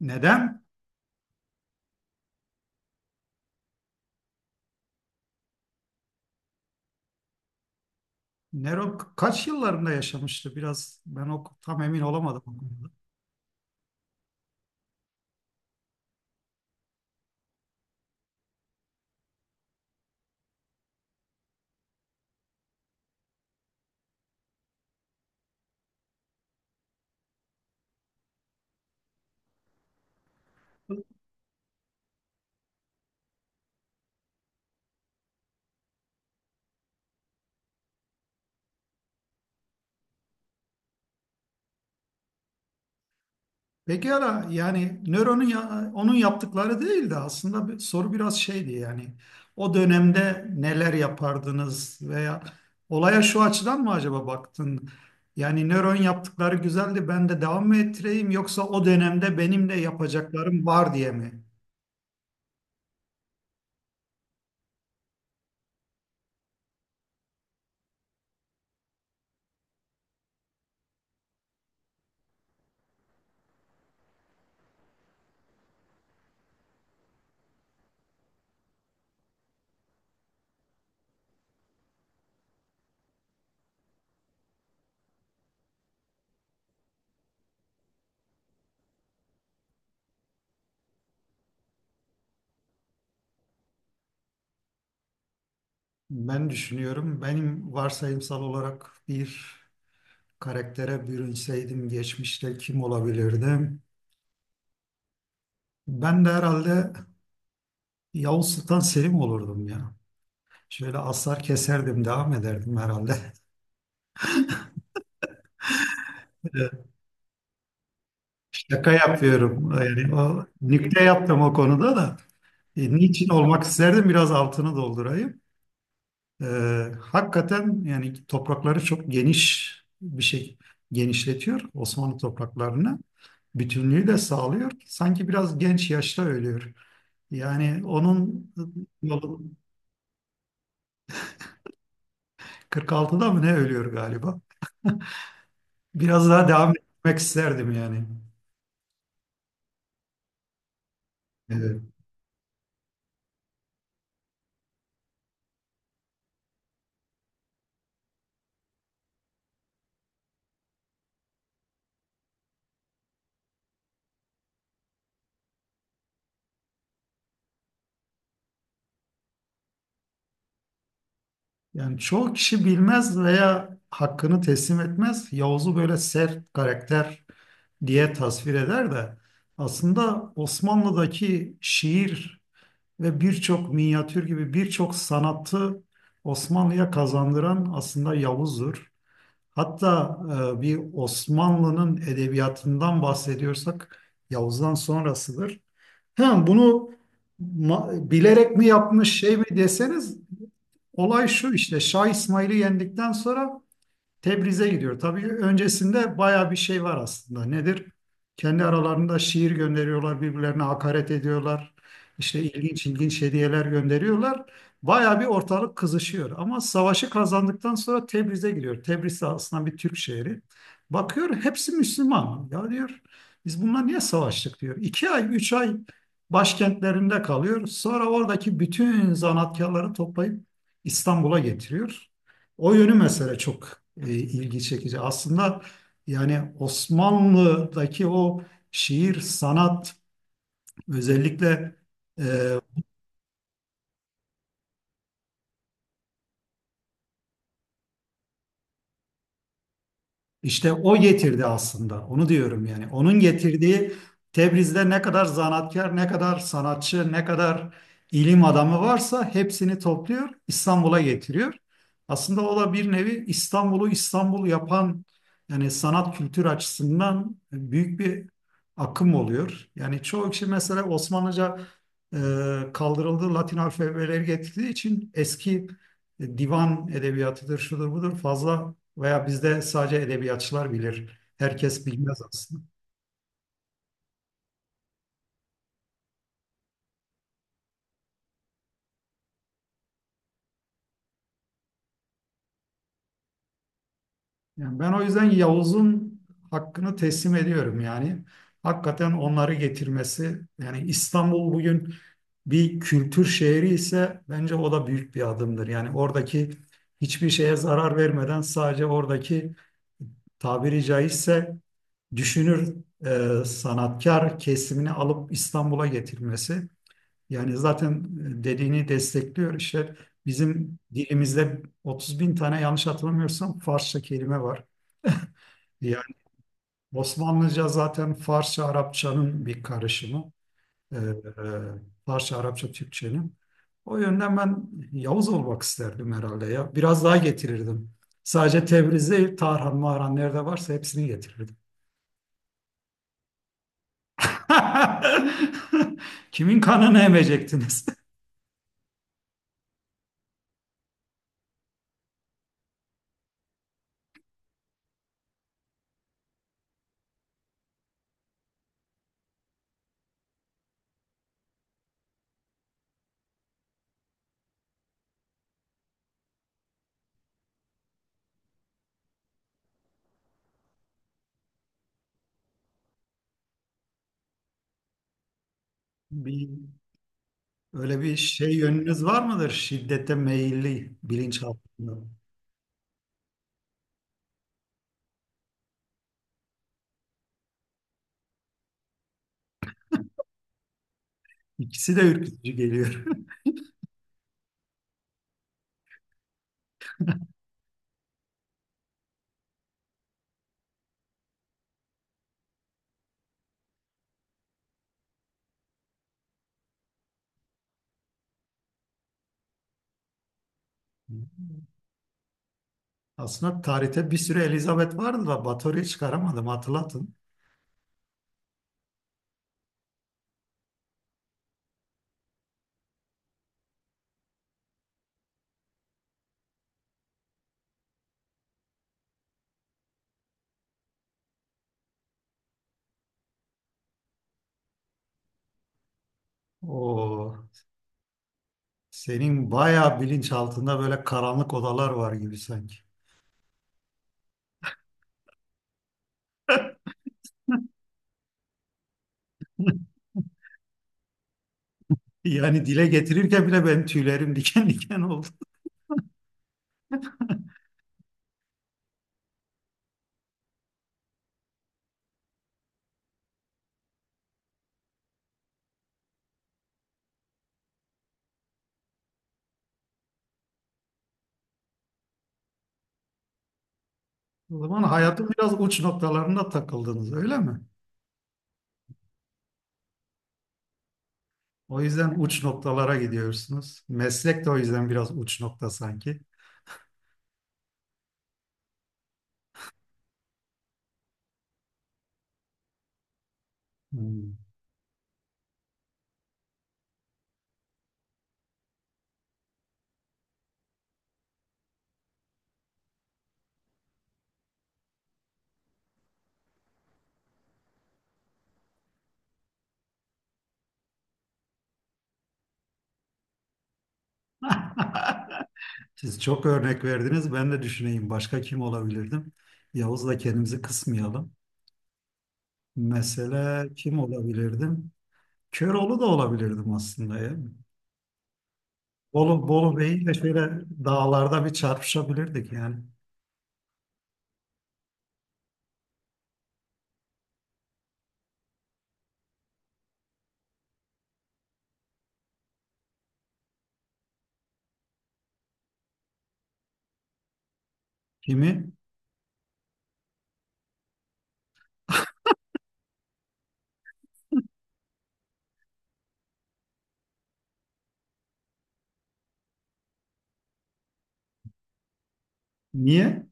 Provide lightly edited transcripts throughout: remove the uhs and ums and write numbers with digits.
Neden? Nero kaç yıllarında yaşamıştı? Biraz ben o tam emin olamadım o konuda. Peki ara yani onun yaptıkları değildi aslında bir, soru biraz şeydi yani o dönemde neler yapardınız veya olaya şu açıdan mı acaba baktın? Yani Nero'nun yaptıkları güzeldi ben de devam mı ettireyim yoksa o dönemde benim de yapacaklarım var diye mi? Ben düşünüyorum benim varsayımsal olarak bir karaktere bürünseydim geçmişte kim olabilirdim? Ben de herhalde Yavuz Sultan Selim olurdum ya. Şöyle aslar keserdim, devam ederdim herhalde. Evet, şaka yapıyorum. Yani o, nükte yaptım o konuda da. Niçin olmak isterdim biraz altını doldurayım. Hakikaten yani toprakları çok geniş bir şey genişletiyor Osmanlı topraklarını. Bütünlüğü de sağlıyor. Sanki biraz genç yaşta ölüyor. Yani onun yolu 46'da mı ne ölüyor galiba. Biraz daha devam etmek isterdim yani. Evet. Yani çoğu kişi bilmez veya hakkını teslim etmez. Yavuz'u böyle sert karakter diye tasvir eder de aslında Osmanlı'daki şiir ve birçok minyatür gibi birçok sanatı Osmanlı'ya kazandıran aslında Yavuz'dur. Hatta bir Osmanlı'nın edebiyatından bahsediyorsak Yavuz'dan sonrasıdır. Hem bunu bilerek mi yapmış şey mi deseniz olay şu işte Şah İsmail'i yendikten sonra Tebriz'e gidiyor. Tabii öncesinde baya bir şey var aslında. Nedir? Kendi aralarında şiir gönderiyorlar, birbirlerine hakaret ediyorlar. İşte ilginç ilginç hediyeler gönderiyorlar. Baya bir ortalık kızışıyor. Ama savaşı kazandıktan sonra Tebriz'e gidiyor. Tebriz de aslında bir Türk şehri. Bakıyor hepsi Müslüman. Ya diyor biz bunlar niye savaştık diyor. İki ay, üç ay başkentlerinde kalıyor. Sonra oradaki bütün zanaatkarları toplayıp İstanbul'a getiriyor. O yönü mesele çok ilgi çekici. Aslında yani Osmanlı'daki o şiir, sanat özellikle e, İşte o getirdi aslında. Onu diyorum yani. Onun getirdiği Tebriz'de ne kadar zanaatkar, ne kadar sanatçı, ne kadar ilim adamı varsa hepsini topluyor, İstanbul'a getiriyor. Aslında o da bir nevi İstanbul'u İstanbul yapan yani sanat kültür açısından büyük bir akım oluyor. Yani çoğu kişi mesela Osmanlıca e, kaldırıldı, Latin alfabeleri getirdiği için eski divan edebiyatıdır, şudur budur fazla veya bizde sadece edebiyatçılar bilir. Herkes bilmez aslında. Yani ben o yüzden Yavuz'un hakkını teslim ediyorum yani. Hakikaten onları getirmesi yani İstanbul bugün bir kültür şehri ise bence o da büyük bir adımdır. Yani oradaki hiçbir şeye zarar vermeden sadece oradaki tabiri caizse düşünür sanatkar kesimini alıp İstanbul'a getirmesi. Yani zaten dediğini destekliyor. İşte bizim dilimizde 30 bin tane yanlış hatırlamıyorsam Farsça kelime var. Yani Osmanlıca zaten Farsça Arapçanın bir karışımı. Ee, e, Farsça Arapça Türkçenin. O yönden ben Yavuz olmak isterdim herhalde ya. Biraz daha getirirdim. Sadece Tebriz değil, Tarhan, Mahran nerede varsa hepsini getirirdim. Kimin kanını emecektiniz? Bir öyle bir şey yönünüz var mıdır? Şiddete meyilli bilinçaltında. İkisi de ürkütücü geliyor. Aslında tarihte bir sürü Elizabeth vardı da Batorya'yı çıkaramadım hatırlatın. O senin bayağı bilinçaltında böyle karanlık odalar var gibi sanki. Yani dile getirirken bile benim tüylerim diken diken oldu. O zaman hayatın biraz uç noktalarında takıldınız öyle mi? O yüzden uç noktalara gidiyorsunuz. Meslek de o yüzden biraz uç nokta sanki. Hmm. Siz çok örnek verdiniz. Ben de düşüneyim. Başka kim olabilirdim? Yavuz'la kendimizi kısmayalım. Mesela kim olabilirdim? Köroğlu da olabilirdim aslında ya. Bolu, Bolu Bey'le şöyle dağlarda bir çarpışabilirdik yani. Kimi? Niye?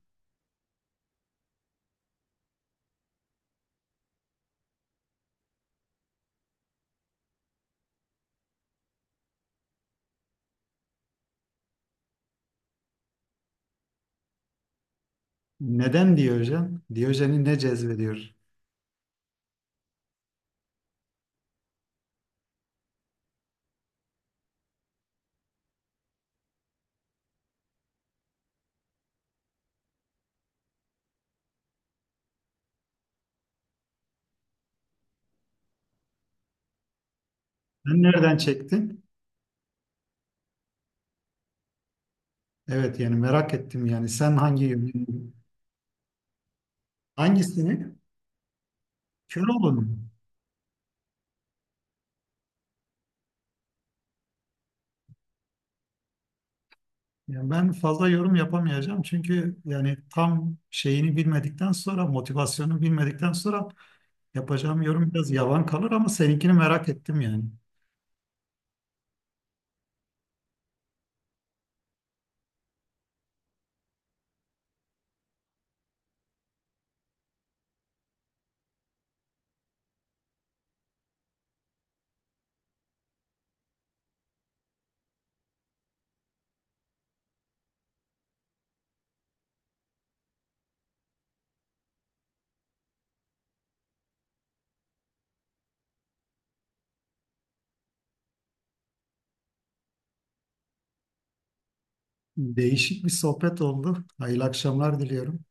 Neden Diyojen? Diyojen'i ne cezbediyor? Sen nereden çektin? Evet yani merak ettim yani. Sen hangi yönünü- Hangisini? Köroğlu'nu. Yani ben fazla yorum yapamayacağım çünkü yani tam şeyini bilmedikten sonra, motivasyonu bilmedikten sonra yapacağım yorum biraz yavan kalır ama seninkini merak ettim yani. Değişik bir sohbet oldu. Hayırlı akşamlar diliyorum.